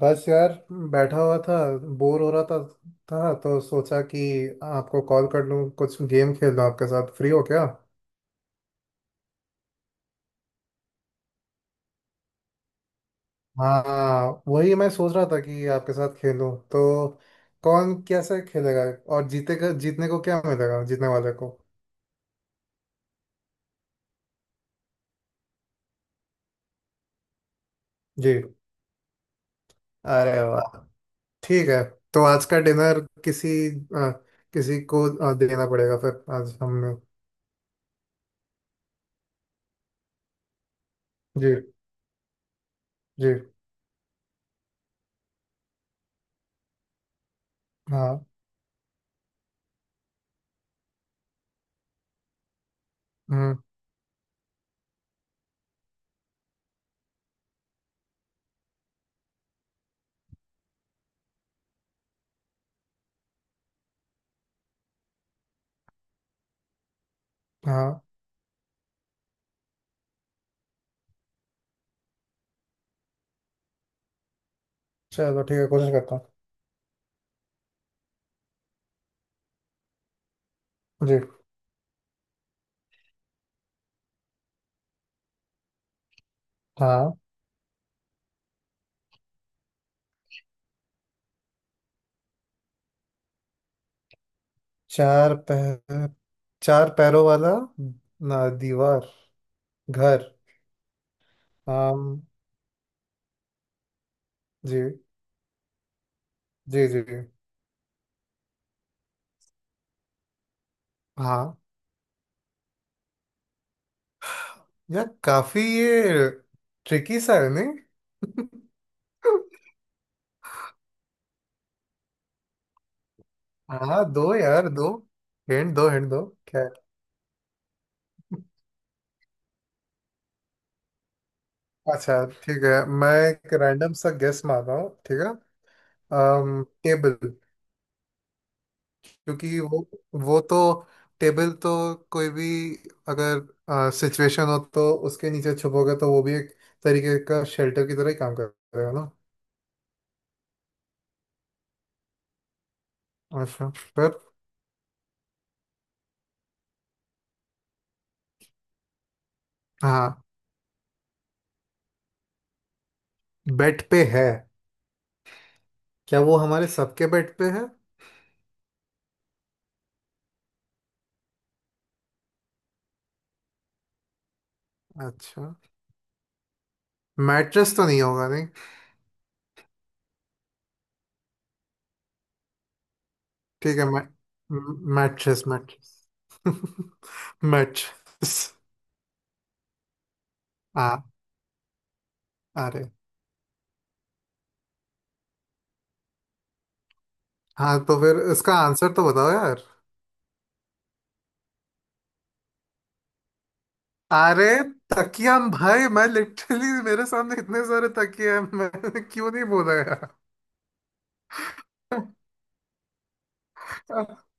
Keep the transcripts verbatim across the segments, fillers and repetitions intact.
बस यार, बैठा हुआ था, बोर हो रहा था था तो सोचा कि आपको कॉल कर लूँ, कुछ गेम खेल लूँ आपके साथ। फ्री हो क्या? हाँ, वही मैं सोच रहा था कि आपके साथ खेलूँ तो। कौन कैसे खेलेगा और जीतेगा? जीतने को क्या मिलेगा जीतने वाले को? जी। अरे वाह। ठीक है। तो आज का डिनर किसी अ, किसी को अ, देना पड़ेगा फिर आज हमने। जी। जी। हाँ। हम्म। हाँ, चलो ठीक है, कोशिश करता हूँ। जी। हाँ। चार पैर चार पैरों वाला, ना दीवार, घर। आम। जी। जी जी जी। हाँ। यार काफी ये ट्रिकी सा है नहीं? हाँ दो यार, दो हिंट दो, हिंट दो। क्या है? अच्छा ठीक है, मैं एक रैंडम सा गेस मार रहा हूँ ठीक है। अम, टेबल। क्योंकि वो वो तो, टेबल तो कोई भी अगर सिचुएशन हो तो उसके नीचे छुपोगे तो वो भी एक तरीके का शेल्टर की तरह ही काम करेगा ना। अच्छा। पर। हाँ, बेड पे है। क्या वो हमारे सबके बेड पे है? अच्छा। मैट्रेस तो नहीं होगा? नहीं। ठीक है मै, मैट्रेस मैट्रेस। मैट्रेस। हाँ। अरे। हाँ, तो फिर इसका आंसर तो बताओ यार। अरे तकिया, हम भाई, मैं लिटरली मेरे सामने इतने सारे तकिए हैं मैं। क्यों नहीं बोला यार?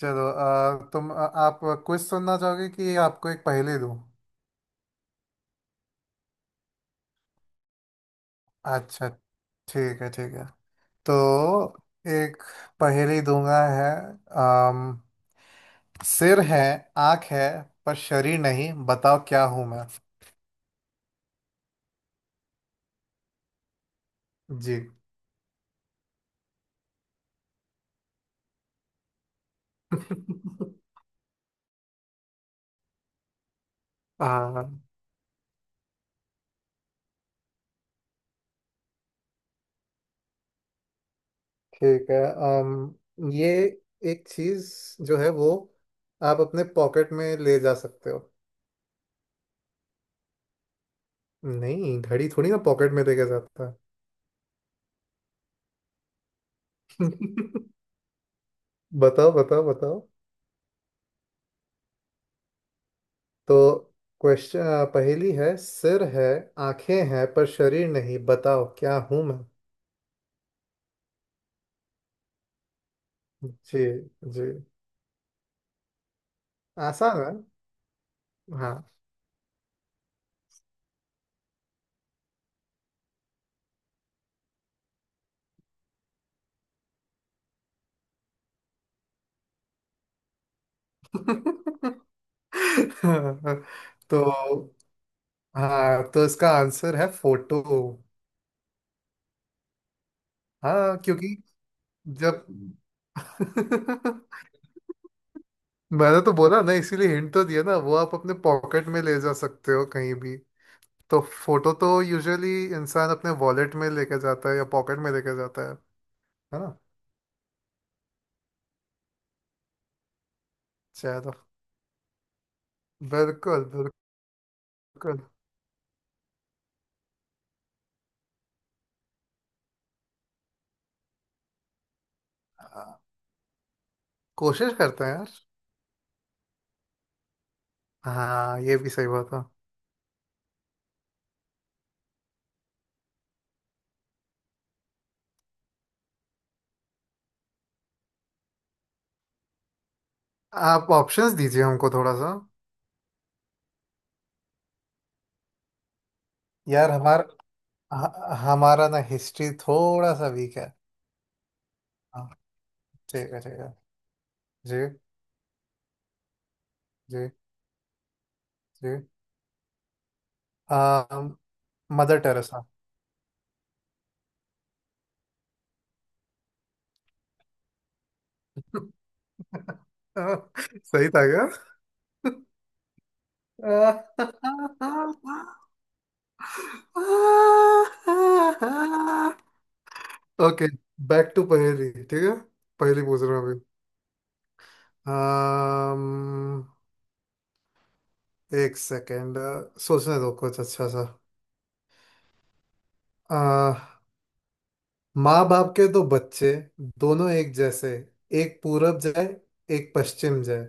चलो अ, तुम अ, आप क्विज सुनना चाहोगे कि आपको एक पहेली दूं? अच्छा ठीक है ठीक है। तो एक पहेली दूंगा है। अम, सिर है, आंख है, पर शरीर नहीं। बताओ क्या हूं मैं? जी। हाँ ठीक है। अम ये एक चीज जो है वो आप अपने पॉकेट में ले जा सकते हो। नहीं, घड़ी थोड़ी ना पॉकेट में लेके जाता है। बताओ बताओ बताओ। तो क्वेश्चन पहेली है, सिर है, आंखें हैं, पर शरीर नहीं। बताओ क्या हूं मैं? जी। जी। आसान है। हाँ। तो हाँ, तो इसका आंसर है फोटो। हाँ क्योंकि जब मैंने तो बोला ना, इसीलिए हिंट तो दिया ना वो आप अपने पॉकेट में ले जा सकते हो कहीं भी। तो फोटो तो यूजुअली इंसान अपने वॉलेट में लेके जाता है या पॉकेट में लेके जाता है है ना? चलो। बिल्कुल। बिल्कुल। हाँ, कोशिश करते हैं यार। हाँ, ये भी सही बात है। आप ऑप्शंस दीजिए हमको थोड़ा सा। यार हमार ह- हमारा ना हिस्ट्री थोड़ा सा वीक है। हाँ। ठीक है ठीक है। जी। जी जी। आ, मदर टेरेसा। सही था। ओके, बैक टू पहेली ठीक है। पहेली पूछ रहा हूँ अभी। um, एक सेकेंड सोचने दो कुछ अच्छा सा। माँ बाप के दो बच्चे, दोनों एक जैसे, एक पूरब जाए, एक पश्चिम जाए।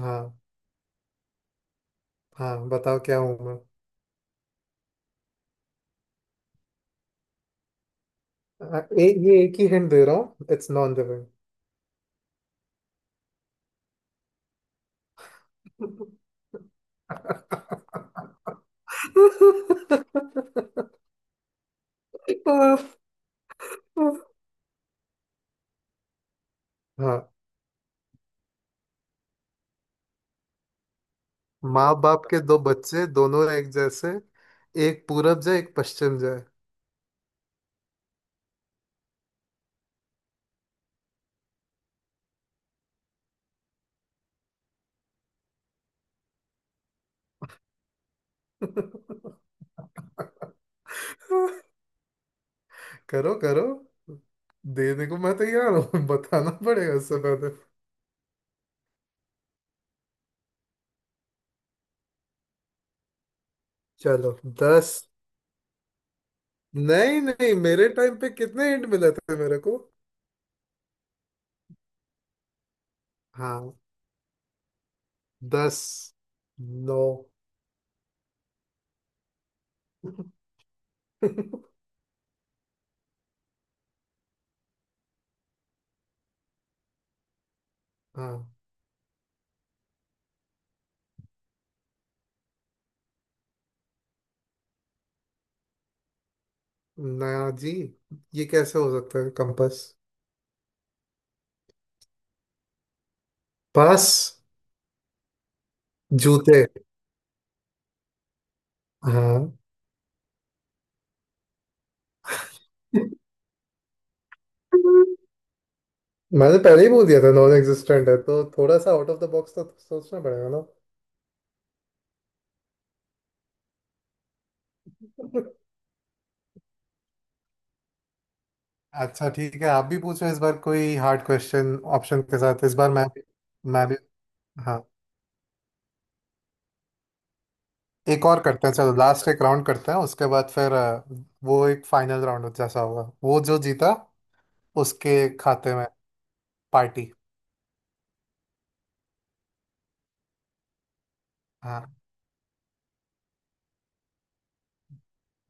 हाँ। हाँ, बताओ क्या हूँ मैं? अ, ए, ये एक ही हिंट दे रहा हूँ, इट्स नॉन लिविंग। हाँ, माँ बाप के दो बच्चे, दोनों एक जैसे, एक पूरब जाए, एक पश्चिम जाए। करो करो। देने को मैं तैयार हूँ। बताना पड़ेगा उससे पहले। चलो। दस। नहीं नहीं, मेरे टाइम पे कितने हिंट मिले थे मेरे को? हाँ। दस। नौ। हाँ। ना। जी। ये कैसे हो सकता है कंपास? पास। जूते। हाँ। मैंने पहले ही बोल दिया था, नॉन एग्जिस्टेंट है तो थोड़ा सा आउट ऑफ द बॉक्स तो सोचना पड़ेगा ना। अच्छा ठीक है, आप भी पूछो इस बार कोई हार्ड क्वेश्चन ऑप्शन के साथ। इस बार मैं भी मैं भी। हाँ। एक और करते हैं, चलो लास्ट एक राउंड करते हैं उसके बाद फिर अ, वो एक फाइनल राउंड जैसा होगा, वो जो जीता उसके खाते में पार्टी। हाँ।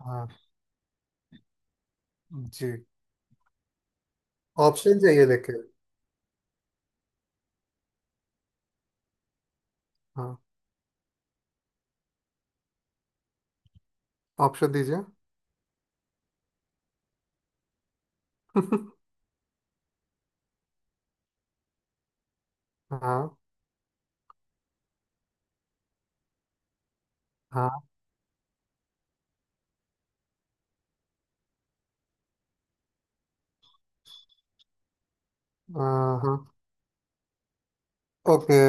हाँ। जी। ऑप्शन चाहिए लेके। हाँ, ऑप्शन दीजिए। हाँ। हाँ हाँ। ओके।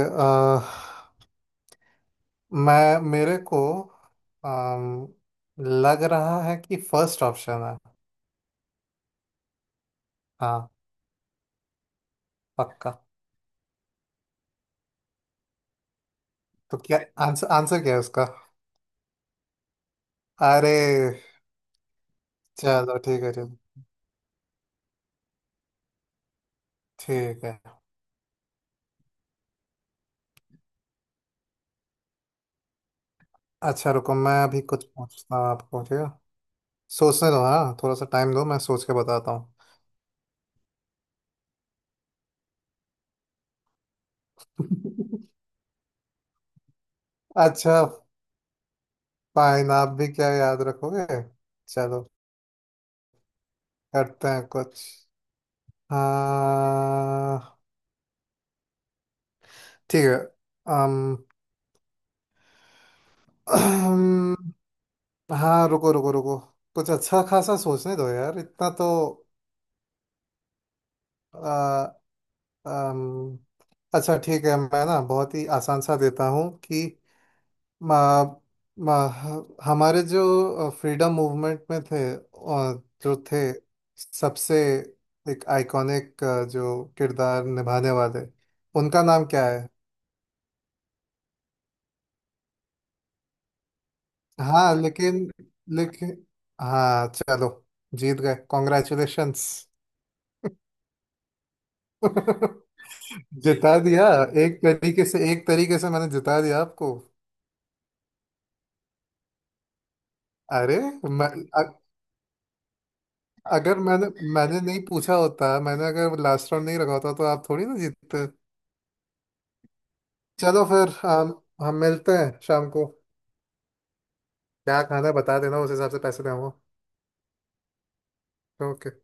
मैं मेरे को अम, लग रहा है कि फर्स्ट ऑप्शन है। हाँ। पक्का। तो क्या, आंसर आंसर क्या है उसका? अरे। चलो ठीक है चलो। ठीक है। अच्छा रुको, मैं अभी कुछ पूछता हूँ आपको ठीक है। सोचने दो हाँ, थोड़ा सा टाइम दो, मैं सोच के बताता हूँ। अच्छा। फाइन, आप भी क्या याद रखोगे। चलो, करते हैं कुछ। हाँ ठीक है। अम हाँ रुको रुको रुको, कुछ अच्छा खासा सोचने दो यार, इतना तो। आ, अम, अच्छा ठीक है, मैं ना बहुत ही आसान सा देता हूँ कि मा, मा, हमारे जो फ्रीडम मूवमेंट में थे और जो थे, सबसे एक आइकॉनिक जो किरदार निभाने वाले, उनका नाम क्या है? हाँ लेकिन। लेकिन हाँ चलो, जीत गए कॉन्ग्रेचुलेशंस। जिता दिया। एक तरीके से एक तरीके से मैंने जिता दिया आपको। अरे मैं, अ- अगर मैंने मैंने नहीं पूछा होता, मैंने अगर लास्ट राउंड नहीं रखा होता तो आप थोड़ी ना जीतते। चलो फिर हम हम मिलते हैं शाम को। क्या खाना है बता देना, उस हिसाब से पैसे दूंगा। ओके।